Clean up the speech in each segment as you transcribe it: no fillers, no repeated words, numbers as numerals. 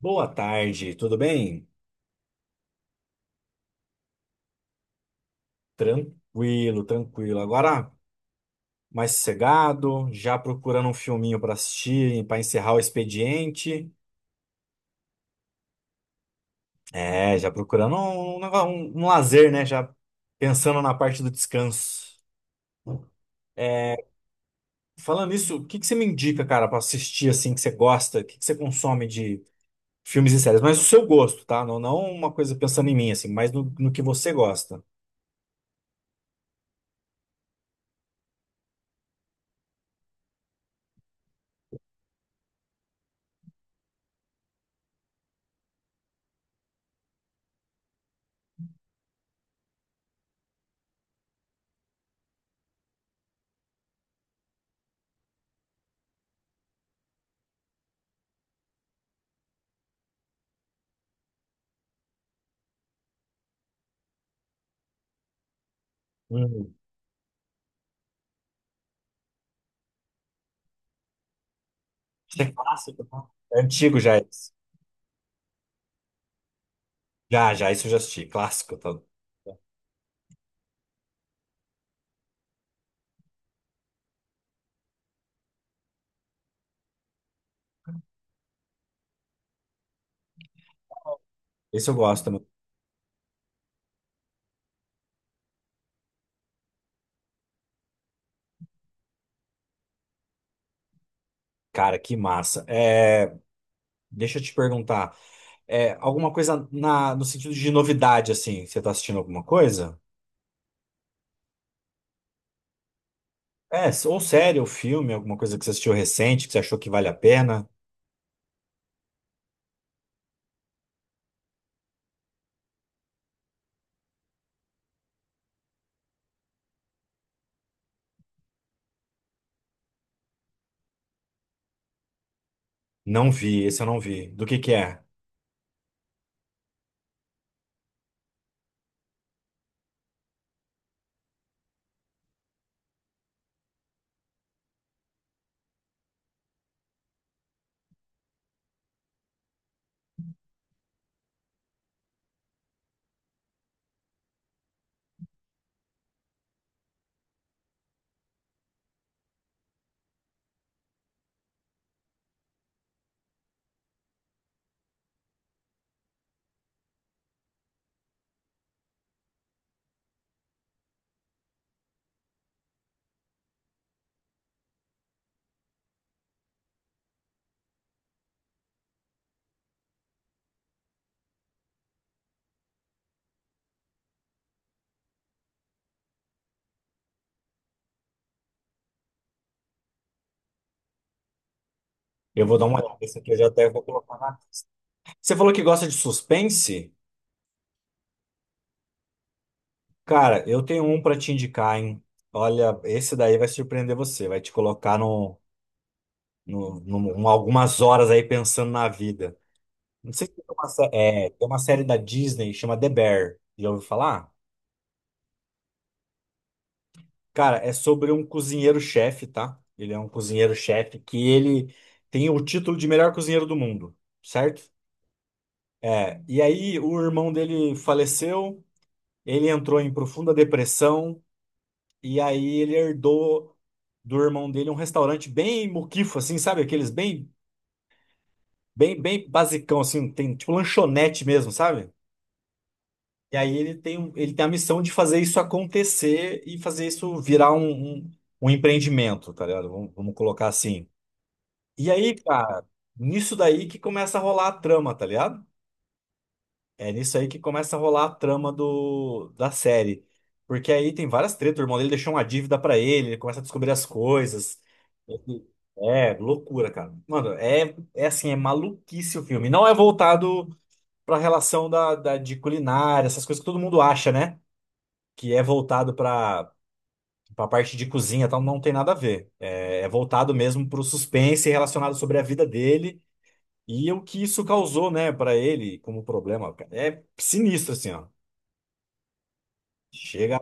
Boa tarde, tudo bem? Tranquilo, tranquilo. Agora mais sossegado, já procurando um filminho para assistir, para encerrar o expediente. É, já procurando um, um lazer, né? Já pensando na parte do descanso. É, falando isso, o que que você me indica, cara, para assistir assim que você gosta, o que que você consome de filmes e séries? Mas o seu gosto, tá? Não, não uma coisa pensando em mim, assim, mas no que você gosta. Hum, isso é clássico, tá? É antigo já é. Já, já, isso eu já assisti. Clássico. Tá? Esse eu gosto também. Cara, que massa. É, deixa eu te perguntar. É, alguma coisa no sentido de novidade, assim? Você tá assistindo alguma coisa? É, ou série, ou filme, alguma coisa que você assistiu recente, que você achou que vale a pena? Não vi, esse eu não vi. Do que é? Eu vou dar uma olhada. Esse aqui eu já até vou colocar na lista. Você falou que gosta de suspense? Cara, eu tenho um pra te indicar, hein? Olha, esse daí vai surpreender você. Vai te colocar no, no, no- um- algumas horas aí pensando na vida. Não sei se tem uma, é, tem uma série da Disney chama The Bear. Já ouviu falar? Cara, é sobre um cozinheiro-chefe, tá? Ele é um cozinheiro-chefe que ele tem o título de melhor cozinheiro do mundo, certo? É, e aí o irmão dele faleceu, ele entrou em profunda depressão, e aí ele herdou do irmão dele um restaurante bem muquifo, assim, sabe? Aqueles bem, bem, bem basicão, assim, tem tipo lanchonete mesmo, sabe? E aí ele tem, ele tem a missão de fazer isso acontecer e fazer isso virar um empreendimento, tá ligado? Vamos, vamos colocar assim. E aí, cara, nisso daí que começa a rolar a trama, tá ligado? É nisso aí que começa a rolar a trama da série. Porque aí tem várias tretas, o irmão dele deixou uma dívida pra ele, ele começa a descobrir as coisas. É, loucura, cara. Mano, é, é assim, é maluquice o filme. Não é voltado pra relação de culinária, essas coisas que todo mundo acha, né? Que é voltado para a parte de cozinha, então não tem nada a ver. É, é voltado mesmo para o suspense relacionado sobre a vida dele e o que isso causou, né, para ele como problema. Cara. É sinistro assim, ó. Chega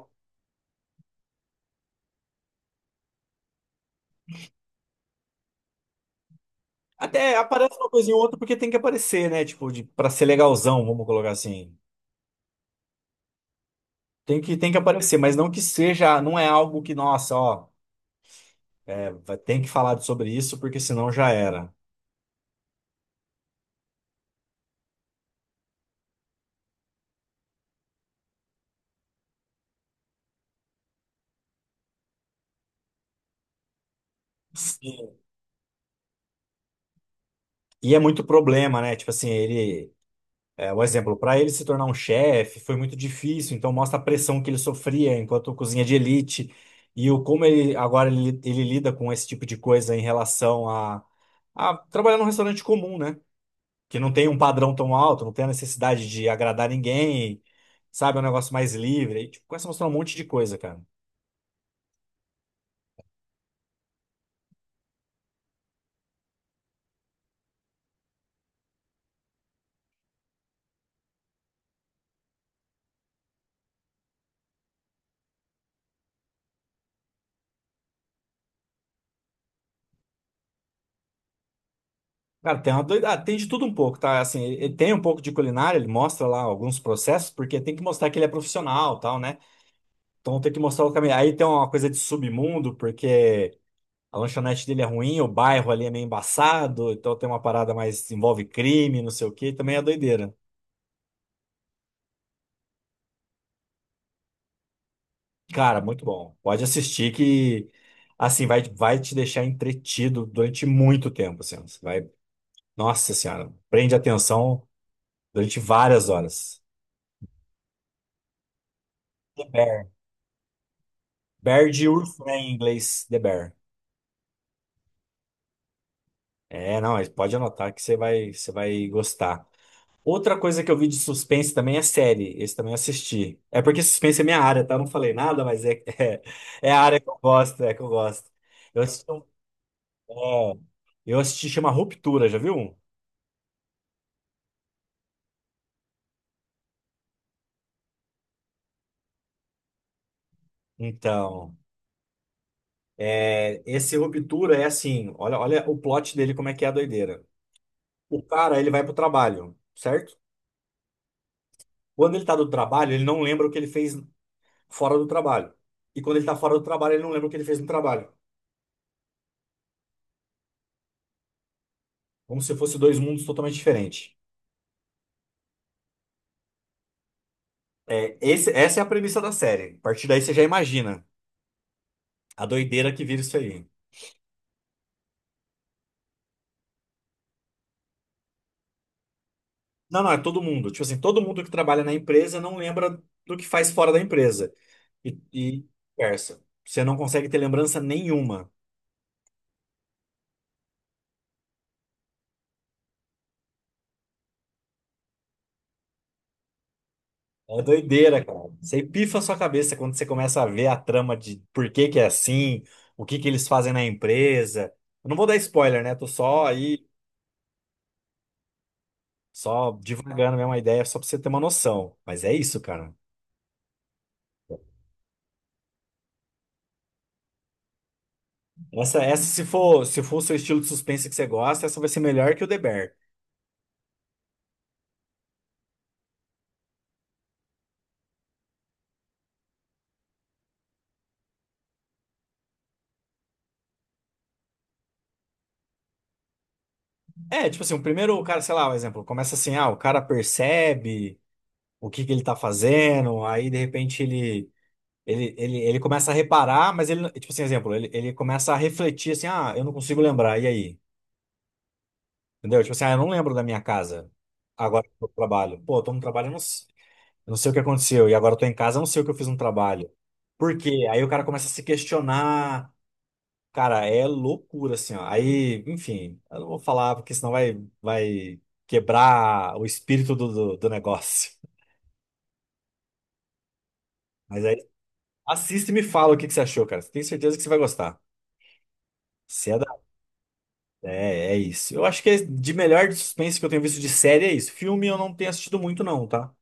até aparece uma coisinha ou outra porque tem que aparecer, né? Tipo, de, para ser legalzão, vamos colocar assim. Tem que aparecer, mas não que seja, não é algo que, nossa, ó, é, tem que falar sobre isso, porque senão já era. Sim. E é muito problema, né? Tipo assim, ele, é, um exemplo, para ele se tornar um chefe foi muito difícil, então mostra a pressão que ele sofria enquanto cozinha de elite e o como ele agora ele lida com esse tipo de coisa em relação a trabalhar num restaurante comum, né? Que não tem um padrão tão alto, não tem a necessidade de agradar ninguém, sabe? É um negócio mais livre. E, tipo, começa a mostrar um monte de coisa, cara. Cara, tem uma doida... ah, tem de tudo um pouco, tá? Assim, ele tem um pouco de culinária, ele mostra lá alguns processos, porque tem que mostrar que ele é profissional, tal, né? Então tem que mostrar o caminho. Aí tem uma coisa de submundo, porque a lanchonete dele é ruim, o bairro ali é meio embaçado, então tem uma parada mais envolve crime, não sei o quê, também é doideira. Cara, muito bom. Pode assistir que assim vai, vai te deixar entretido durante muito tempo, assim. Você vai, nossa senhora, prende atenção durante várias horas. The Bear. Bear de urso, né, em inglês, The Bear. É, não, mas pode anotar que você vai gostar. Outra coisa que eu vi de suspense também é série. Esse também eu assisti. É porque suspense é minha área, tá? Eu não falei nada, mas é, é, é a área que eu gosto, é que eu gosto. Eu assisti, é, eu assisti chama Ruptura, já viu? Então, é, esse Ruptura é assim, olha, olha o plot dele, como é que é a doideira. O cara, ele vai pro trabalho, certo? Quando ele tá do trabalho, ele não lembra o que ele fez fora do trabalho. E quando ele tá fora do trabalho, ele não lembra o que ele fez no trabalho. Como se fosse dois mundos totalmente diferentes. Essa é a premissa da série. A partir daí você já imagina a doideira que vira isso aí. Não, não, é todo mundo. Tipo assim, todo mundo que trabalha na empresa não lembra do que faz fora da empresa. E vice-versa. Você não consegue ter lembrança nenhuma. É doideira, cara. Você pifa a sua cabeça quando você começa a ver a trama de por que que é assim, o que que eles fazem na empresa. Eu não vou dar spoiler, né? Tô só aí, só divagando mesmo a ideia, só pra você ter uma noção. Mas é isso, cara. Essa se for, se for o seu estilo de suspense que você gosta, essa vai ser melhor que o The Bear. É, tipo assim, o primeiro, o cara, sei lá, um exemplo, começa assim, ah, o cara percebe o que que ele tá fazendo, aí de repente ele, ele começa a reparar, mas ele, não- tipo assim, exemplo, ele começa a refletir assim, ah, eu não consigo lembrar, e aí? Entendeu? Tipo assim, ah, eu não lembro da minha casa, agora eu tô no trabalho. Pô, eu tô no trabalho, eu não, eu não sei o que aconteceu, e agora eu tô em casa, eu não sei o que eu fiz no trabalho. Por quê? Aí o cara começa a se questionar, cara, é loucura, assim, ó. Aí, enfim, eu não vou falar, porque senão vai quebrar o espírito do negócio. Mas aí, assista e me fala o que que você achou, cara. Tenho certeza que você vai gostar. Se é, da... é, é isso. Eu acho que é de melhor de suspense que eu tenho visto de série é isso. Filme eu não tenho assistido muito, não, tá?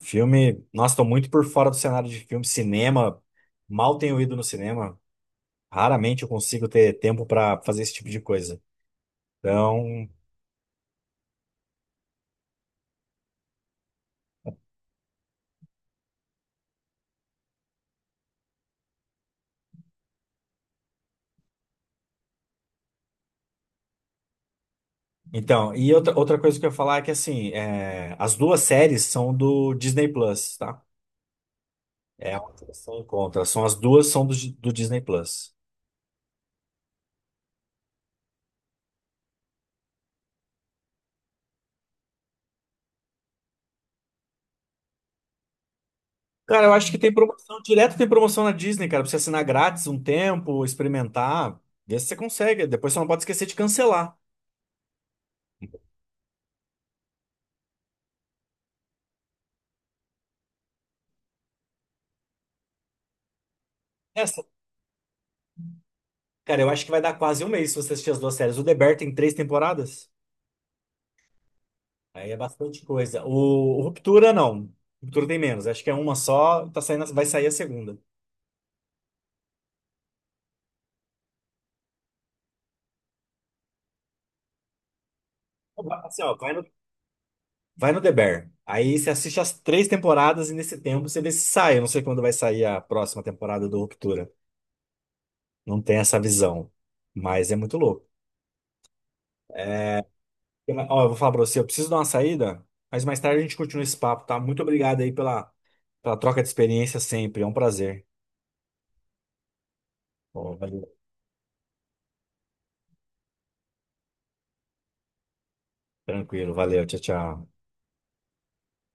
Filme, nossa, tô muito por fora do cenário de filme. Cinema, mal tenho ido no cinema. Raramente eu consigo ter tempo pra fazer esse tipo de coisa. Então. Então, e outra, outra coisa que eu ia falar é que, assim, é, as duas séries são do Disney Plus, tá? É onde você encontra. São as duas são do Disney Plus. Cara, eu acho que tem promoção, direto tem promoção na Disney, cara, pra você assinar grátis um tempo, experimentar, ver se você consegue. Depois você não pode esquecer de cancelar. Essa, cara, eu acho que vai dar quase um mês se você assistir as duas séries. O The Bear tem 3 temporadas, aí é bastante coisa. O Ruptura, não. Ruptura tem menos, acho que é uma só, tá saindo, vai sair a segunda. Assim, ó, vai no vai no The Bear. Aí você assiste as três temporadas e nesse tempo você vê se sai. Eu não sei quando vai sair a próxima temporada do Ruptura. Não tem essa visão. Mas é muito louco. Ó, eu vou falar pra você, eu preciso dar uma saída, mas mais tarde a gente continua esse papo, tá? Muito obrigado aí pela, pela troca de experiência sempre. É um prazer. Ó, valeu. Tranquilo, valeu. Tchau, tchau.